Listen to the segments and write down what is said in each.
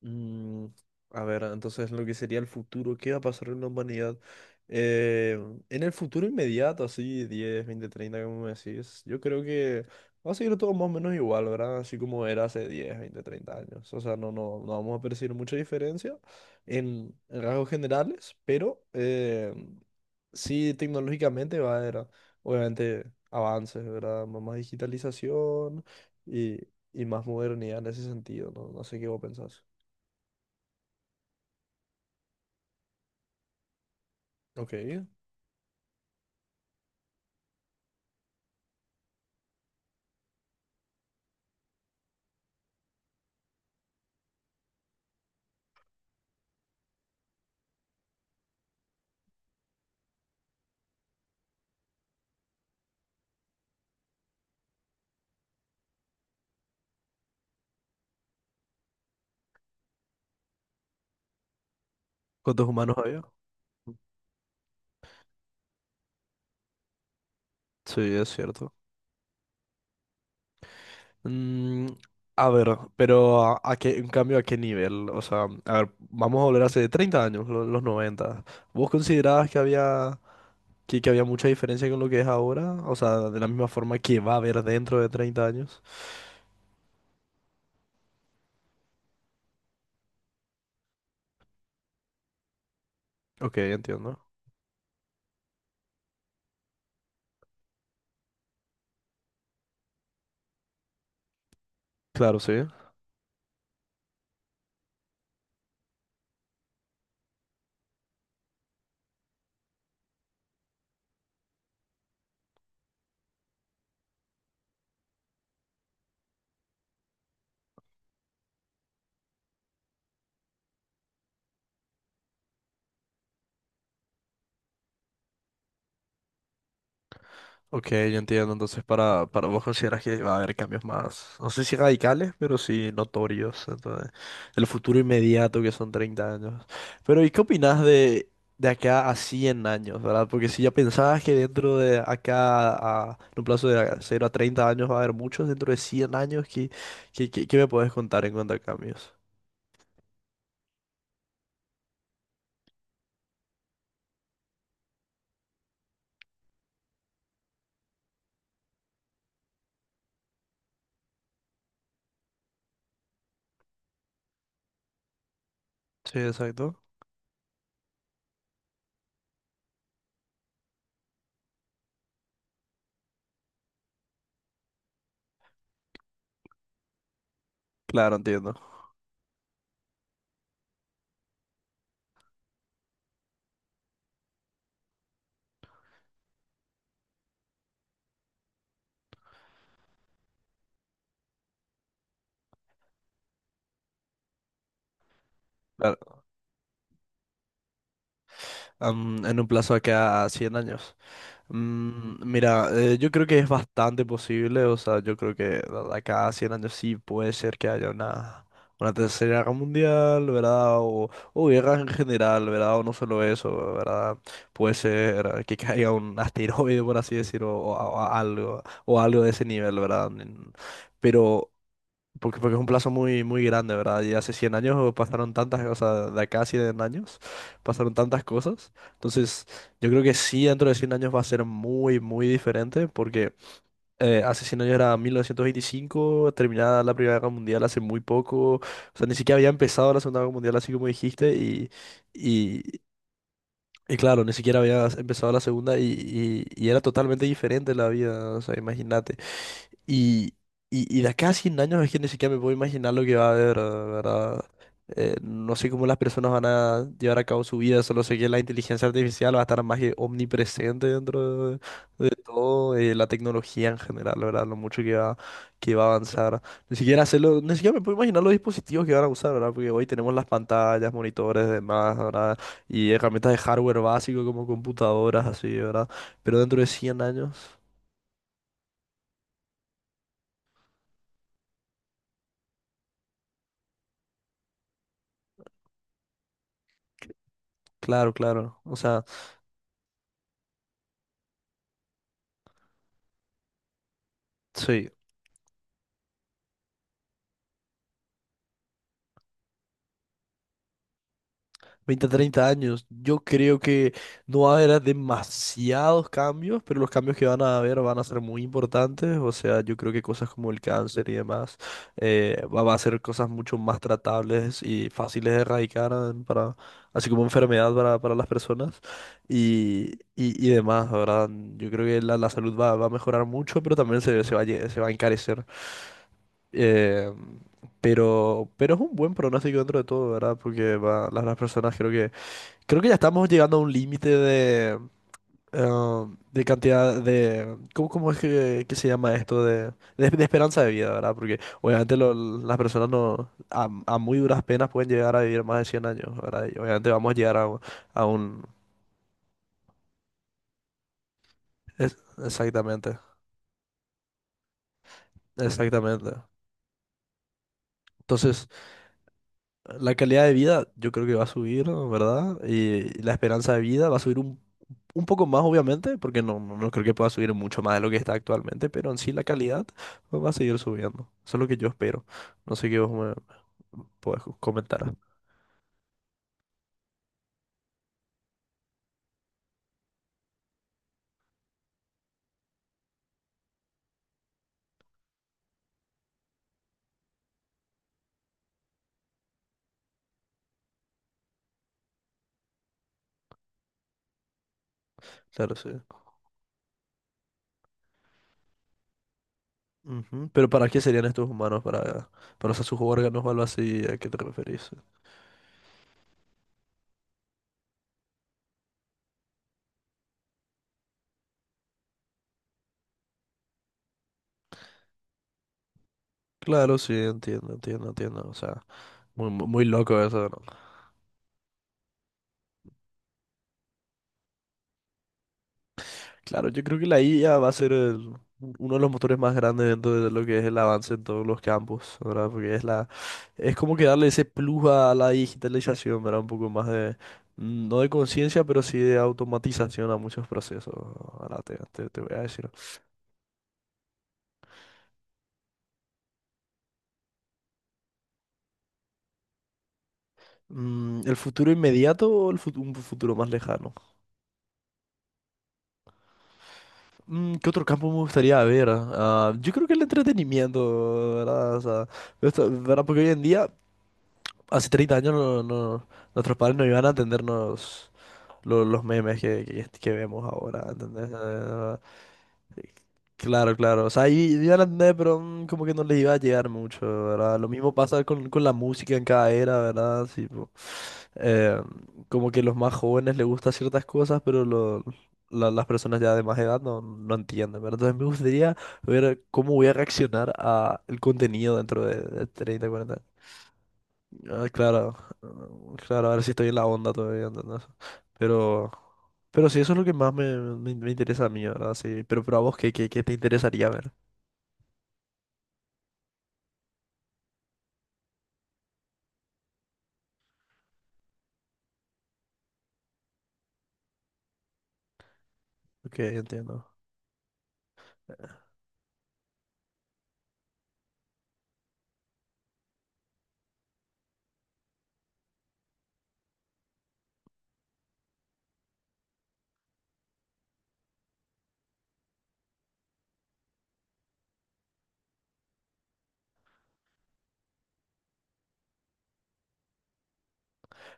Mm, a ver, entonces lo que sería el futuro, ¿qué va a pasar en la humanidad? Eh, en el futuro inmediato, así 10 20 30 como me decís, yo creo que va a seguir todo más o menos igual, ¿verdad? Así como era hace 10 20 30 años. O sea, no, no, no vamos a percibir mucha diferencia en rasgos generales, pero sí tecnológicamente va a haber, obviamente, avances, ¿verdad? Más digitalización y, y más modernidad en ese sentido, ¿no? No sé qué vos pensás. Ok. ¿Cuántos humanos había? Sí, es cierto. Mm, a ver, pero a qué, en cambio, ¿a qué nivel? O sea, a ver, vamos a volver hace 30 años, los 90. ¿Vos considerabas que que había mucha diferencia con lo que es ahora? O sea, de la misma forma que va a haber dentro de 30 años. Ok, entiendo. Claro, sí. Ok, yo entiendo. Entonces, para vos consideras que va a haber cambios más, no sé si radicales, pero sí notorios. Entonces, el futuro inmediato que son 30 años. Pero, ¿y qué opinás de acá a 100 años, verdad? Porque si ya pensabas que dentro de acá, a, en un plazo de cero a 30 años, va a haber muchos, dentro de 100 años, ¿ qué me podés contar en cuanto a cambios? Sí, exacto. Claro, entiendo. Claro. Am, en un plazo de que a 100 años. Mira, yo creo que es bastante posible, o sea, yo creo que de acá a 100 años sí puede ser que haya una tercera guerra mundial, ¿verdad? O guerras en general, ¿verdad? O no solo eso, ¿verdad? Puede ser que caiga un asteroide, por así decirlo, o, o algo, o algo de ese nivel, ¿verdad? Pero porque es un plazo muy, muy grande, ¿verdad? Y hace 100 años pasaron tantas cosas, de acá a 100 años pasaron tantas cosas. Entonces, yo creo que sí, dentro de 100 años va a ser muy, muy diferente, porque hace 100 años era 1925, terminada la Primera Guerra Mundial hace muy poco, o sea, ni siquiera había empezado la Segunda Guerra Mundial, así como dijiste, y, y claro, ni siquiera había empezado la Segunda y era totalmente diferente la vida, o sea, imagínate. Y, y de acá a 100 años es que ni siquiera me puedo imaginar lo que va a haber, ¿verdad? No sé cómo las personas van a llevar a cabo su vida, solo sé que la inteligencia artificial va a estar más que omnipresente de todo, la tecnología en general, ¿verdad? Lo mucho que va a avanzar. Ni siquiera me puedo imaginar los dispositivos que van a usar, ¿verdad? Porque hoy tenemos las pantallas, monitores, demás, ¿verdad? Y herramientas de hardware básico como computadoras, así, ¿verdad? Pero dentro de 100 años, claro, claro. O sea... Sí, veinte treinta años. Yo creo que no va a haber demasiados cambios, pero los cambios que van a haber van a ser muy importantes. O sea, yo creo que cosas como el cáncer y demás va a ser cosas mucho más tratables y fáciles de erradicar, así como enfermedad para las personas y, y demás, ¿verdad? Yo creo que la salud va a mejorar mucho, pero también se va a encarecer. Eh, pero es un buen pronóstico dentro de todo, ¿verdad? Porque las personas creo que ya estamos llegando a un límite eh, de cantidad de ¿cómo, cómo es que se llama esto? De, de esperanza de vida, ¿verdad? Porque obviamente las personas no a, a muy duras penas pueden llegar a vivir más de 100 años, ¿verdad? Y obviamente vamos a llegar a, a un es- exactamente, exactamente. Entonces, la calidad de vida yo creo que va a subir, ¿verdad? Y la esperanza de vida va a subir un poco más, obviamente, porque no, no creo que pueda subir mucho más de lo que está actualmente, pero en sí la calidad pues, va a seguir subiendo. Eso es lo que yo espero. No sé qué vos me podés comentar. Claro, sí. Ujú. Pero ¿para qué serían estos humanos? Para usar sus órganos o algo así? ¿A qué te referís? Claro, sí, entiendo, entiendo, entiendo. O sea, muy, muy muy loco eso, ¿no? Claro, yo creo que la IA va a ser uno de los motores más grandes dentro de lo que es el avance en todos los campos, ¿verdad? Porque es es como que darle ese plus a la digitalización, ¿verdad? Un poco más de, no de conciencia, pero sí de automatización a muchos procesos, ahora te voy a decir. ¿El futuro inmediato o el un futuro más lejano? ¿Qué otro campo me gustaría ver? Ah, yo creo que el entretenimiento, ¿verdad? O sea, ¿verdad? Porque hoy en día hace 30 años nuestros padres no iban a entendernos los memes que vemos ahora, ¿entendés? Claro, claro. O sea, iban a entender, pero como que no les iba a llegar mucho, ¿verdad? Lo mismo pasa con la música en cada era, ¿verdad? Sí, po. Eh, Como que los más jóvenes les gustan ciertas cosas, pero las personas ya de más edad no, no entienden, ¿verdad? Entonces me gustaría ver cómo voy a reaccionar a el contenido de 30, 40. Ah, claro, ah, claro, ahora sí estoy en la onda todavía, ¿entendés? Pero, pero sí, eso es lo que más me interesa a mí, ¿verdad? Sí, pero a vos, ¿ qué te interesaría ver? Ok, entiendo.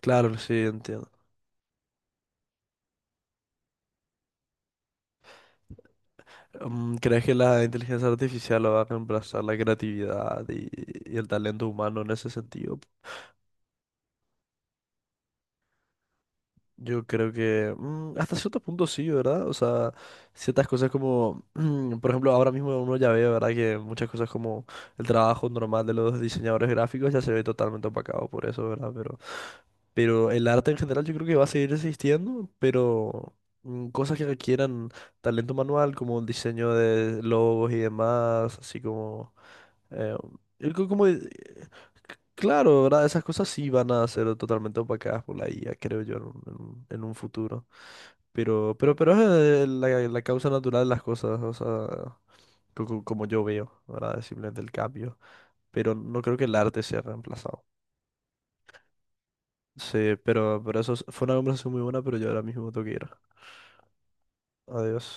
Claro, sí, entiendo. ¿Crees que la inteligencia artificial va a reemplazar la creatividad y el talento humano en ese sentido? Yo creo que hasta cierto punto sí, ¿verdad? O sea, ciertas cosas como, por ejemplo, ahora mismo uno ya ve, ¿verdad? Que muchas cosas como el trabajo normal de los diseñadores gráficos ya se ve totalmente opacado por eso, ¿verdad? Pero el arte en general yo creo que va a seguir existiendo, pero cosas que requieran talento manual, como el diseño de logos y demás, así como... eh, el co- como c- claro, ¿verdad? Esas cosas sí van a ser totalmente opacadas por la IA, creo yo, en un, en un futuro. Pero es la causa natural de las cosas, o sea, como yo veo, ¿verdad? Es simplemente el cambio. Pero no creo que el arte sea reemplazado. Sí, pero eso fue una conversación muy buena, pero yo ahora mismo tengo que ir. Adiós.